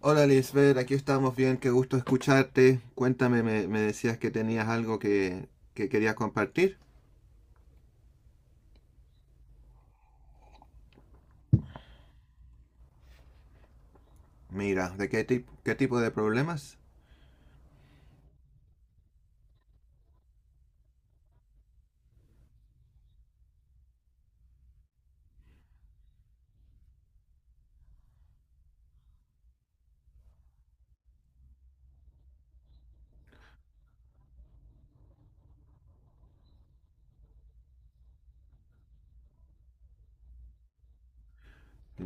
Hola Lisbeth, aquí estamos bien, qué gusto escucharte. Cuéntame, me decías que tenías algo que querías compartir. Mira, ¿ qué tipo de problemas?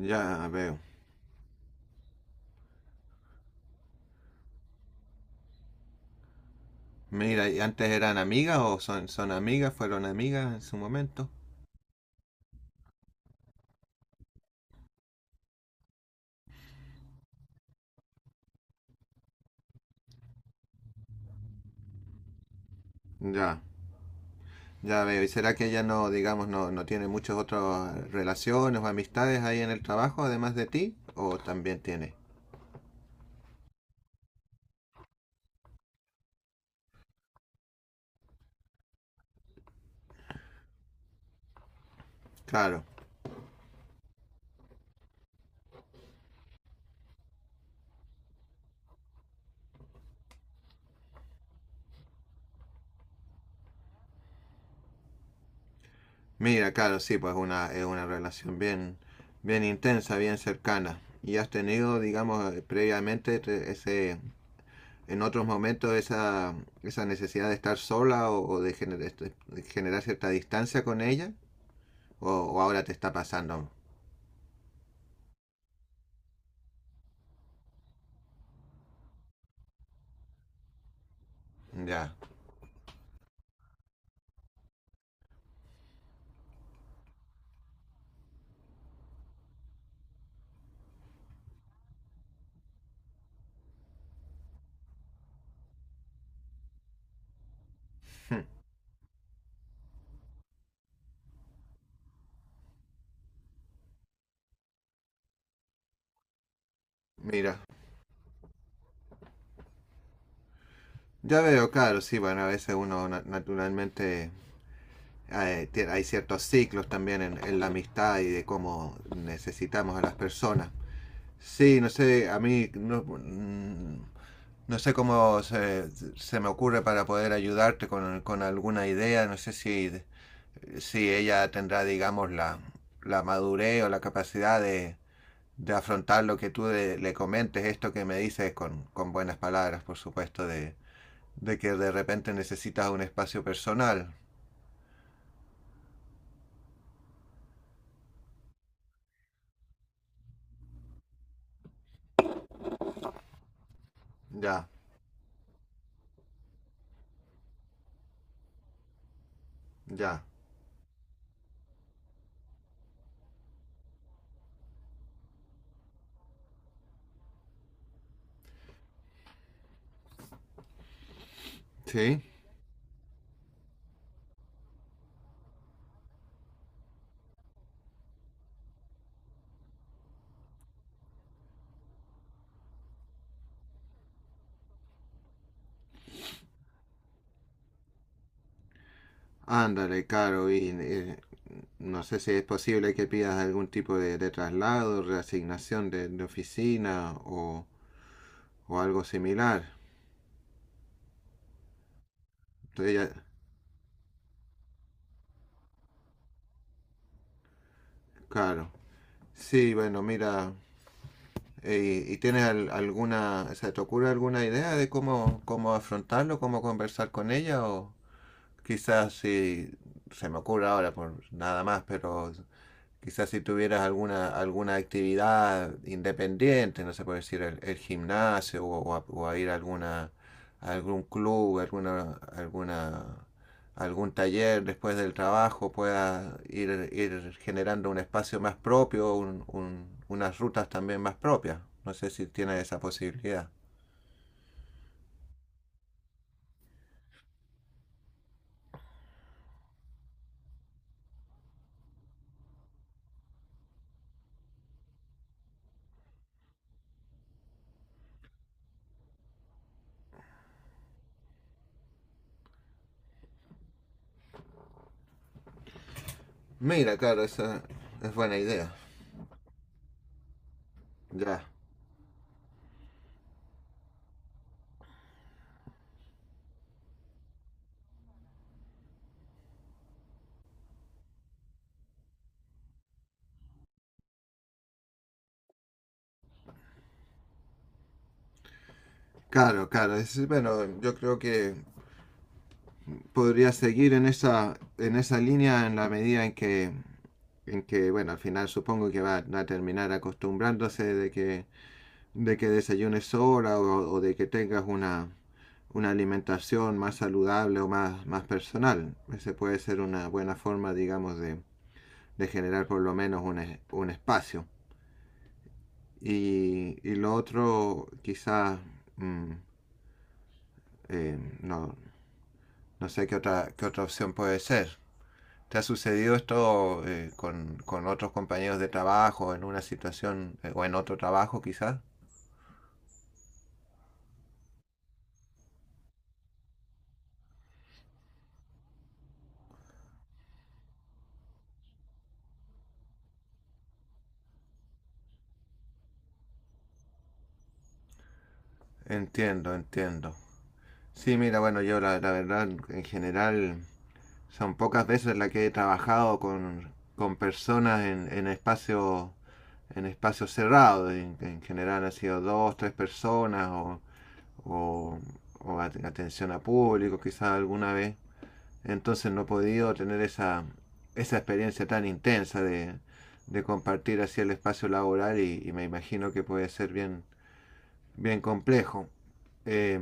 Ya veo. Mira, ¿y antes eran amigas o son amigas, fueron amigas en su momento? Ya, ya veo. ¿Y será que ella no, digamos, no tiene muchas otras relaciones o amistades ahí en el trabajo, además de ti? ¿O también tiene? Claro. Mira, claro, sí, pues una, es una relación bien intensa, bien cercana. Y has tenido, digamos, previamente ese, en otros momentos esa necesidad de estar sola o de, de generar cierta distancia con ella, o ahora te está pasando. Ya, mira. Ya veo, claro, sí, bueno, a veces uno naturalmente hay ciertos ciclos también en la amistad y de cómo necesitamos a las personas. Sí, no sé, a mí no, no sé cómo se me ocurre para poder ayudarte con alguna idea. No sé si, si ella tendrá, digamos, la madurez o la capacidad de afrontar lo que tú le comentes, esto que me dices con buenas palabras, por supuesto, de que de repente necesitas un espacio personal. Ya, ya. Sí. Ándale, claro, y no sé si es posible que pidas algún tipo de traslado, reasignación de oficina o algo similar. Entonces claro. Sí, bueno, mira, ¿y tienes alguna, se te ocurre alguna idea de cómo, cómo afrontarlo, cómo conversar con ella? O quizás si se me ocurre ahora por nada más, pero quizás si tuvieras alguna, alguna actividad independiente, no sé puede decir el gimnasio o a ir a, alguna, a algún club, alguna, alguna, algún taller después del trabajo, puedas ir, ir generando un espacio más propio, unas rutas también más propias. No sé si tienes esa posibilidad. Mira, claro, esa es buena idea. Ya. Claro, claro. Bueno, yo creo que podría seguir en esa línea en la medida en que, bueno, al final supongo que va a terminar acostumbrándose de que desayunes sola o de que tengas una alimentación más saludable o más, más personal. Ese puede ser una buena forma, digamos, de generar por lo menos un espacio. Y lo otro, quizás, mm, no, no sé qué otra opción puede ser. ¿Te ha sucedido esto con otros compañeros de trabajo, en una situación o en otro trabajo quizás? Entiendo, entiendo. Sí, mira, bueno, yo la, la verdad en general son pocas veces las que he trabajado con personas en espacio en espacios cerrados. En general han sido dos, tres personas o, o atención a público quizás alguna vez. Entonces no he podido tener esa, esa experiencia tan intensa de compartir así el espacio laboral y, me imagino que puede ser bien, bien complejo. Eh,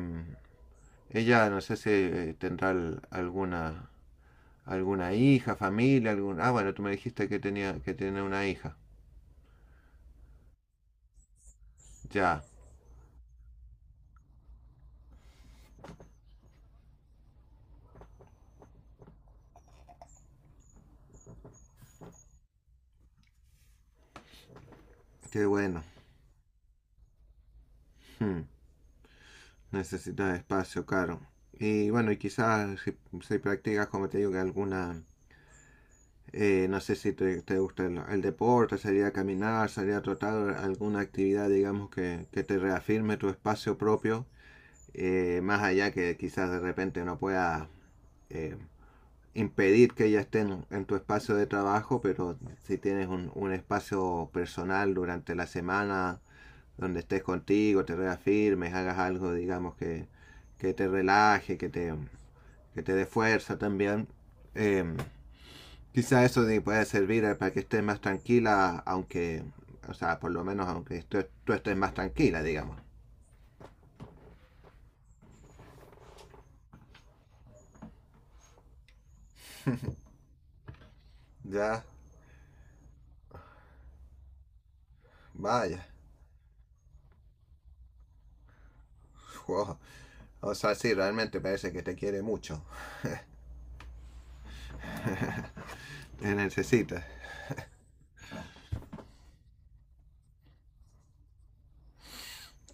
ella no sé si tendrá alguna alguna hija, familia, algún ah bueno tú me dijiste que tenía que tiene una hija. Ya, qué bueno. Hmm. Necesita espacio, claro. Y bueno, y quizás si, si practicas como te digo que alguna. No sé si te, te gusta el, deporte, salir a caminar, salir a trotar, alguna actividad, digamos, que te reafirme tu espacio propio, más allá que quizás de repente no puedas eh, impedir que ella esté en, tu espacio de trabajo, pero si tienes un espacio personal durante la semana donde estés contigo, te reafirmes, hagas algo, digamos, que te relaje, que te dé fuerza también. Eh, Quizá eso te puede servir para que estés más tranquila, aunque, o sea, por lo menos aunque tú estés más tranquila, digamos. Ya, vaya. Wow. O sea, sí, realmente parece que te quiere mucho. Te necesita.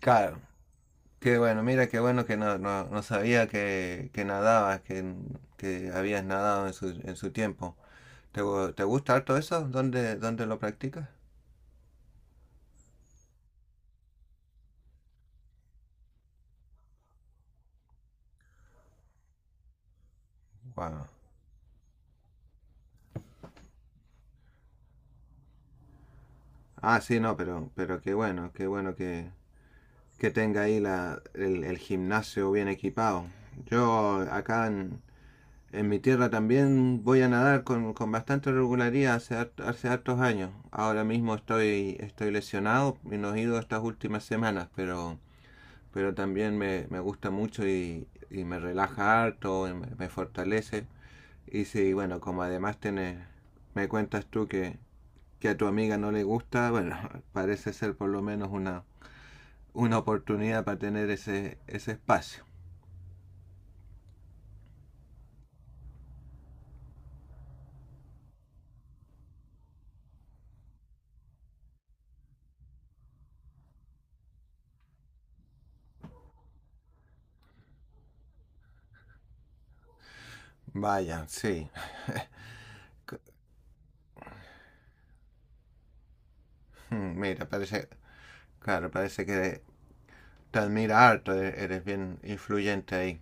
Claro. Qué bueno, mira, qué bueno que no, no, no sabía que nadabas, que habías nadado en su tiempo. ¿Te, te gusta harto eso? ¿Dónde, dónde lo practicas? Wow. Ah, sí, no, pero qué bueno que tenga ahí la, el, gimnasio bien equipado. Yo acá en, mi tierra también voy a nadar con bastante regularidad hace, hace hartos años. Ahora mismo estoy, estoy lesionado y no he ido estas últimas semanas, pero también me gusta mucho y, me relaja harto, me, fortalece. Y sí, bueno, como además tenés, me cuentas tú que a tu amiga no le gusta, bueno, parece ser por lo menos una oportunidad para tener ese, ese espacio. Vaya, sí. Mira, parece, claro, parece que te admira harto, eres bien influyente ahí.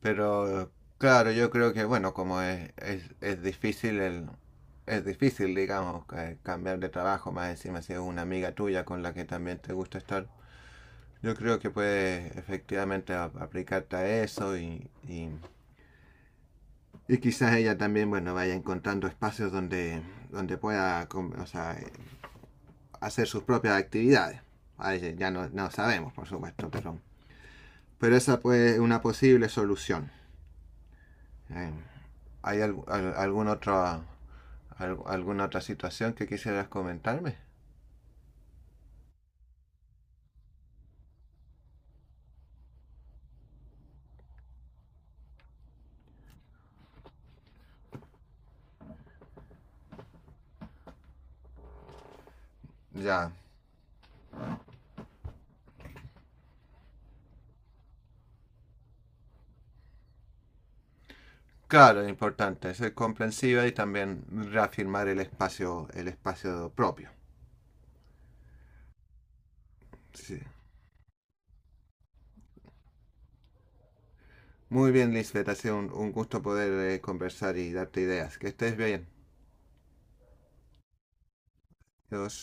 Pero claro, yo creo que, bueno, como es difícil el... Es difícil, digamos, cambiar de trabajo, más encima si es una amiga tuya con la que también te gusta estar. Yo creo que puedes efectivamente aplicarte a eso y quizás ella también, bueno, vaya encontrando espacios donde, donde pueda o sea, hacer sus propias actividades. Ay, ya no, no, sabemos, por supuesto, pero esa puede ser una posible solución. Eh, ¿Hay al, al, algún otro, al, alguna otra situación que quisieras comentarme? Ya, claro, es importante, ser comprensiva y también reafirmar el espacio propio. Sí. Muy bien, Lisbeth, ha sido un gusto poder conversar y darte ideas. Que estés bien. Ya dos.